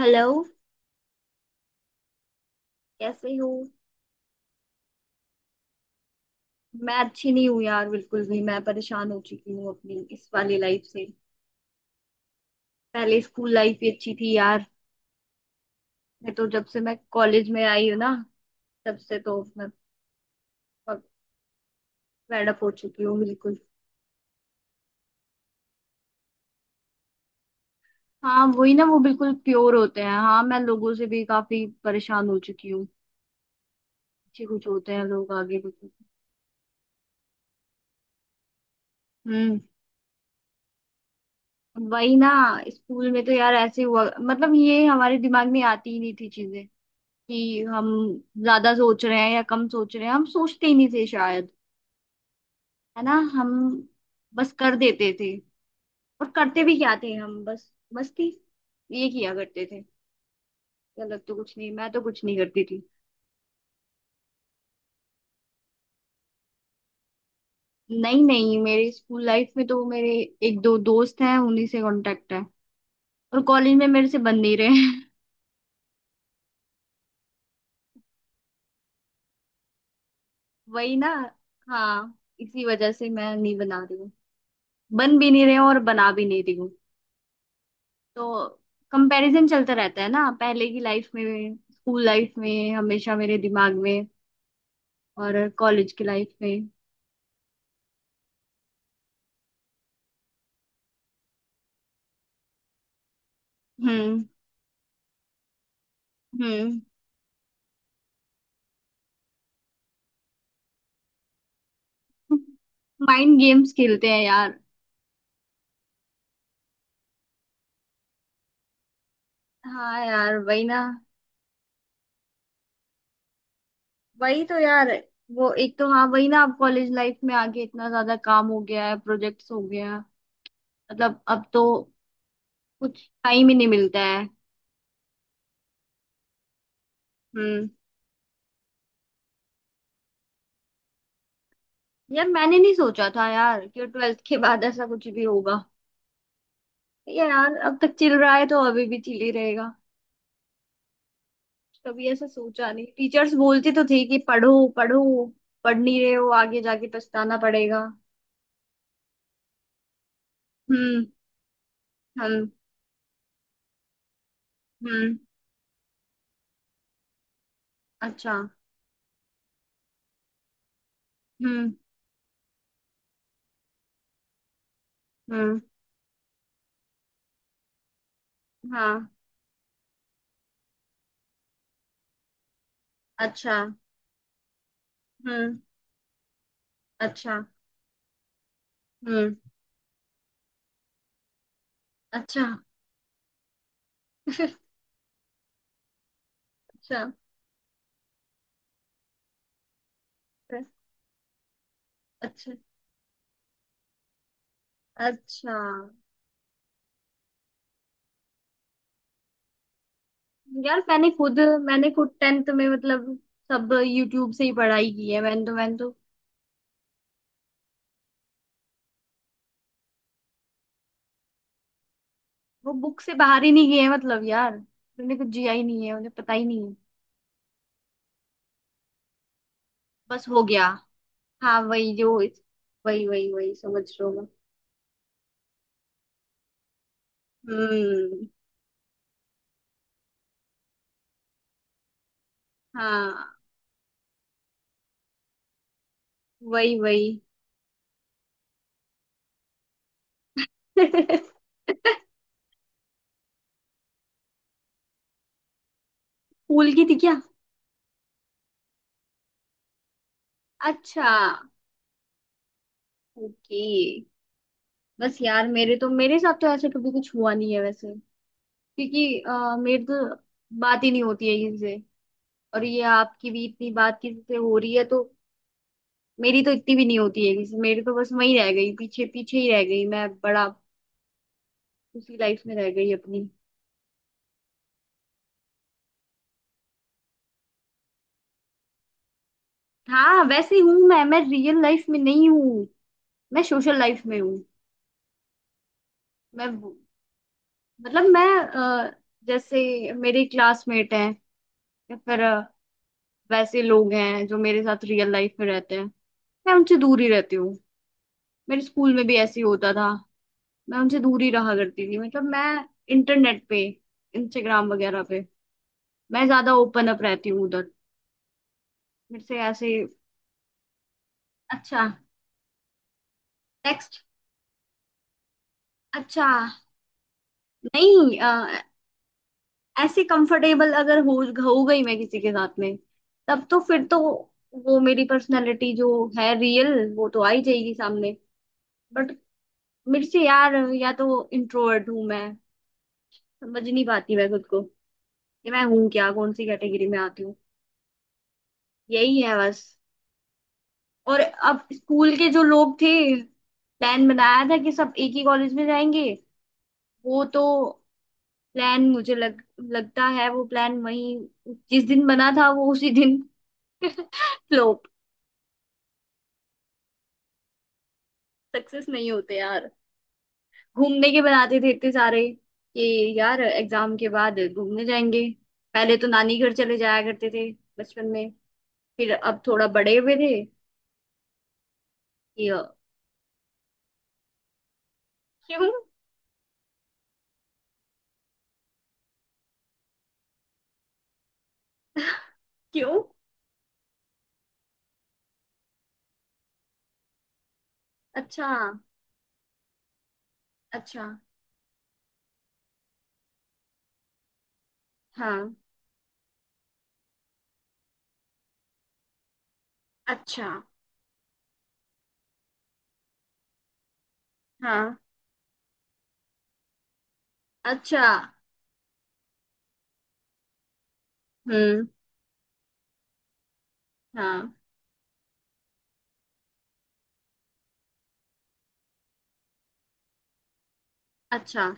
Hello. कैसे हो? मैं अच्छी नहीं हूँ यार, बिल्कुल भी। मैं परेशान हो चुकी हूँ अपनी इस वाली लाइफ से। पहले स्कूल लाइफ ही अच्छी थी यार। मैं तो जब से मैं कॉलेज में आई हूँ ना, तब से तो मैं फेड अप हो चुकी हूँ बिल्कुल। हाँ वही ना, वो बिल्कुल प्योर होते हैं। हाँ, मैं लोगों से भी काफी परेशान हो चुकी हूँ। अच्छे कुछ होते हैं लोग, आगे कुछ। हम्म। वही ना। स्कूल में तो यार ऐसे हुआ, मतलब ये हमारे दिमाग में आती ही नहीं थी चीजें, कि हम ज्यादा सोच रहे हैं या कम सोच रहे हैं, हम सोचते ही नहीं थे शायद। है ना, हम बस कर देते थे। और करते भी क्या थे हम, बस मस्ती। ये किया करते थे। गलत तो कुछ नहीं, मैं तो कुछ नहीं करती थी। नहीं नहीं, मेरे स्कूल लाइफ में तो मेरे एक दो दोस्त हैं, उन्हीं से कांटेक्ट है। और कॉलेज में मेरे से बन नहीं रहे हैं वही ना। हाँ, इसी वजह से मैं नहीं बना रही हूँ। बन भी नहीं रहे हैं और बना भी नहीं रही हूँ। तो कंपैरिजन चलता रहता है ना, पहले की लाइफ में, स्कूल लाइफ में, हमेशा मेरे दिमाग में। और कॉलेज की लाइफ में। हम्म। हम्म। माइंड गेम्स खेलते हैं यार। हाँ यार, वही ना। वही तो यार। वो एक तो हाँ, वही ना, अब कॉलेज लाइफ में आके इतना ज्यादा काम हो गया है, प्रोजेक्ट्स हो गया, मतलब अब तो कुछ टाइम ही नहीं मिलता है। हम्म। यार मैंने नहीं सोचा था यार, कि ट्वेल्थ के बाद ऐसा कुछ भी होगा। यार अब तक चिल रहा है तो अभी भी चिल ही रहेगा। कभी ऐसा सोचा नहीं। टीचर्स बोलती तो थी कि पढ़ो पढ़ो, पढ़ नहीं रहे हो, आगे जाके पछताना पड़ेगा। हम्म। हम्म। हम्म। अच्छा। हम्म। हम्म। हाँ। अच्छा। हम्म। अच्छा। हम्म। अच्छा। अच्छा। अच्छा। अच्छा। यार मैंने खुद टेंथ में, मतलब सब यूट्यूब से ही पढ़ाई की है। मैंने तो वो बुक से बाहर ही नहीं गए हैं, मतलब यार उन्हें कुछ जिया ही नहीं है, उन्हें पता ही नहीं है। बस हो गया। हाँ वही जो, वही वही वही समझ लो मैं। हम्म। हाँ। वही वही। स्कूल की थी क्या? अच्छा। ओके। बस यार, मेरे साथ तो ऐसे कभी कुछ हुआ नहीं है वैसे। क्योंकि मेरी तो बात ही नहीं होती है किसी से। और ये आपकी भी इतनी बात किसी से हो रही है तो। मेरी तो इतनी भी नहीं होती है मेरी तो बस वही रह गई, पीछे पीछे ही रह गई मैं। बड़ा उसी लाइफ में रह गई अपनी। हाँ वैसे हूं मैं रियल लाइफ में नहीं हूँ, मैं सोशल लाइफ में हूँ। मैं वो- मतलब मैं अ, जैसे मेरे क्लासमेट हैं, या फिर वैसे लोग हैं जो मेरे साथ रियल लाइफ में रहते हैं, मैं उनसे दूर ही रहती हूँ। मेरे स्कूल में भी ऐसे ही होता था। मैं उनसे दूर ही रहा करती थी, मतलब मैं इंटरनेट पे, इंस्टाग्राम वगैरह पे मैं ज्यादा ओपन अप रहती हूँ उधर। मेरे से ऐसे। अच्छा। नेक्स्ट। अच्छा। नहीं ऐसे कंफर्टेबल अगर हो, हो गई मैं किसी के साथ में, तब तो फिर तो वो मेरी पर्सनालिटी जो है रियल, वो तो आ ही जाएगी सामने। बट मेरे से यार, या तो इंट्रोवर्ट हूँ मैं, समझ नहीं पाती मैं खुद को कि मैं हूँ क्या, कौन सी कैटेगरी में आती हूँ। यही है बस। और अब स्कूल के जो लोग थे, प्लान बनाया था कि सब एक ही कॉलेज में जाएंगे। वो तो प्लान मुझे लग लगता है वो प्लान वही जिस दिन बना था वो उसी दिन फ्लॉप, सक्सेस नहीं होते यार। घूमने के बनाते थे इतने सारे, कि यार एग्जाम के बाद घूमने जाएंगे। पहले तो नानी घर चले जाया करते थे बचपन में। फिर अब थोड़ा बड़े हुए थे कि क्यों? क्यों? अच्छा। अच्छा। हाँ। अच्छा। हाँ। अच्छा। हम्म। हाँ। अच्छा।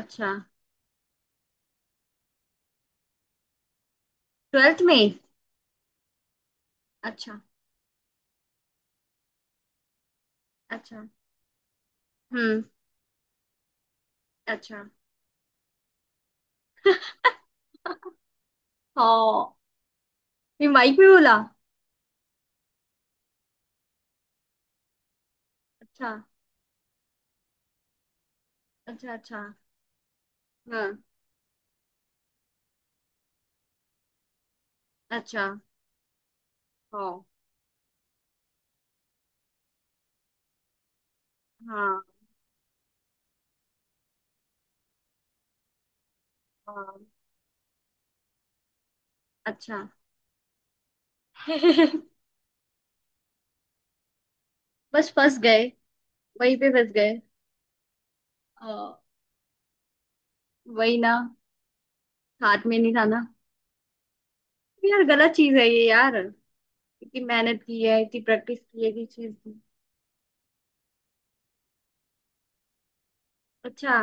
अच्छा। ट्वेल्थ में। अच्छा। अच्छा। हम्म। अच्छा। हाँ। ये माइक में बोला? अच्छा। अच्छा। अच्छा। हाँ। अच्छा। हाँ। हाँ। हाँ। अच्छा। बस फंस गए, वहीं पे फंस गए। अ, वही ना, हाथ में नहीं था ना। यार गलत चीज है ये यार, इतनी मेहनत की है, इतनी प्रैक्टिस की है, इतनी चीज की। अच्छा।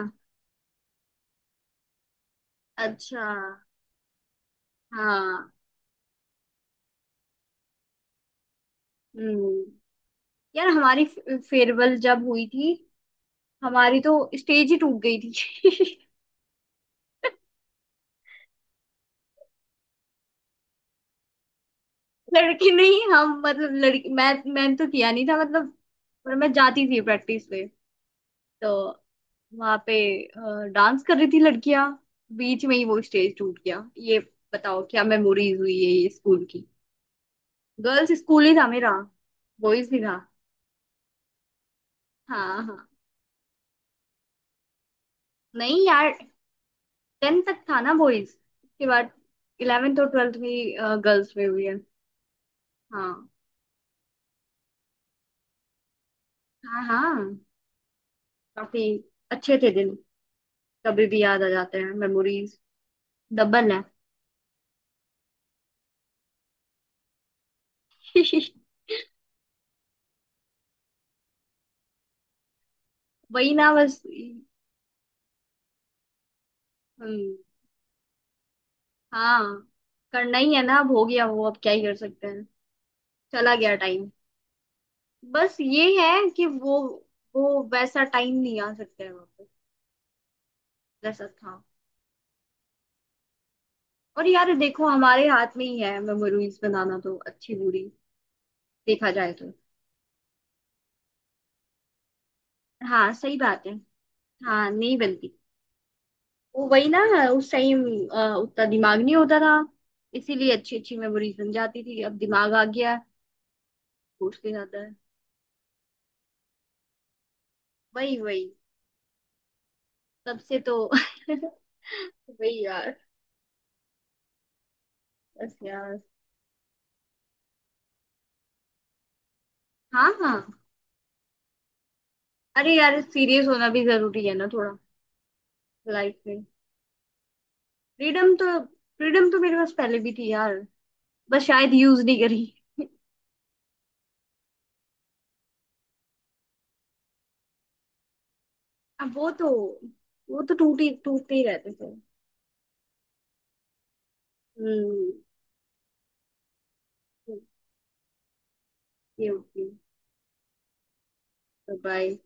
अच्छा। हाँ। हम्म। यार हमारी फेयरवेल जब हुई थी, हमारी तो स्टेज ही टूट गई थी लड़की नहीं हम, मतलब लड़की मैं, मैंने तो किया नहीं था, मतलब पर मैं जाती थी प्रैक्टिस पे, तो वहां पे डांस कर रही थी लड़कियां, बीच में ही वो स्टेज टूट गया। ये बताओ क्या मेमोरीज हुई है ये स्कूल की। गर्ल्स स्कूल ही था मेरा, बॉयज भी था। हाँ हाँ। नहीं यार, टेंथ तक था ना बॉयज, उसके बाद इलेवेंथ और ट्वेल्थ भी गर्ल्स में हुई है। हाँ। हाँ। हाँ। काफी अच्छे थे दिन। कभी भी याद आ जाते हैं मेमोरीज, डबल है वही ना बस। हम्म। हाँ। करना ही है ना, अब हो गया वो, अब क्या ही कर सकते हैं। चला गया टाइम। बस ये है कि वो वैसा टाइम नहीं आ सकता है वापस, जैसा था। और यार देखो, हमारे हाथ में ही है मेमोरीज बनाना तो, अच्छी बुरी देखा जाए तो। हाँ सही बात है। हाँ, नहीं बनती। वो वही ना, उस टाइम उतना दिमाग नहीं होता था, इसीलिए अच्छी अच्छी मेमोरीज बन जाती थी। अब दिमाग आ गया है, भूल के जाता है। वही वही। तब से तो वही यार, बस यार। हाँ हाँ। अरे यार, सीरियस होना भी जरूरी है ना थोड़ा, लाइफ में। फ्रीडम तो, मेरे पास पहले भी थी यार, बस शायद यूज नहीं करी। अब वो तो, टूटी टूटते ही रहते थे। हम्म। Okay okay. बाय।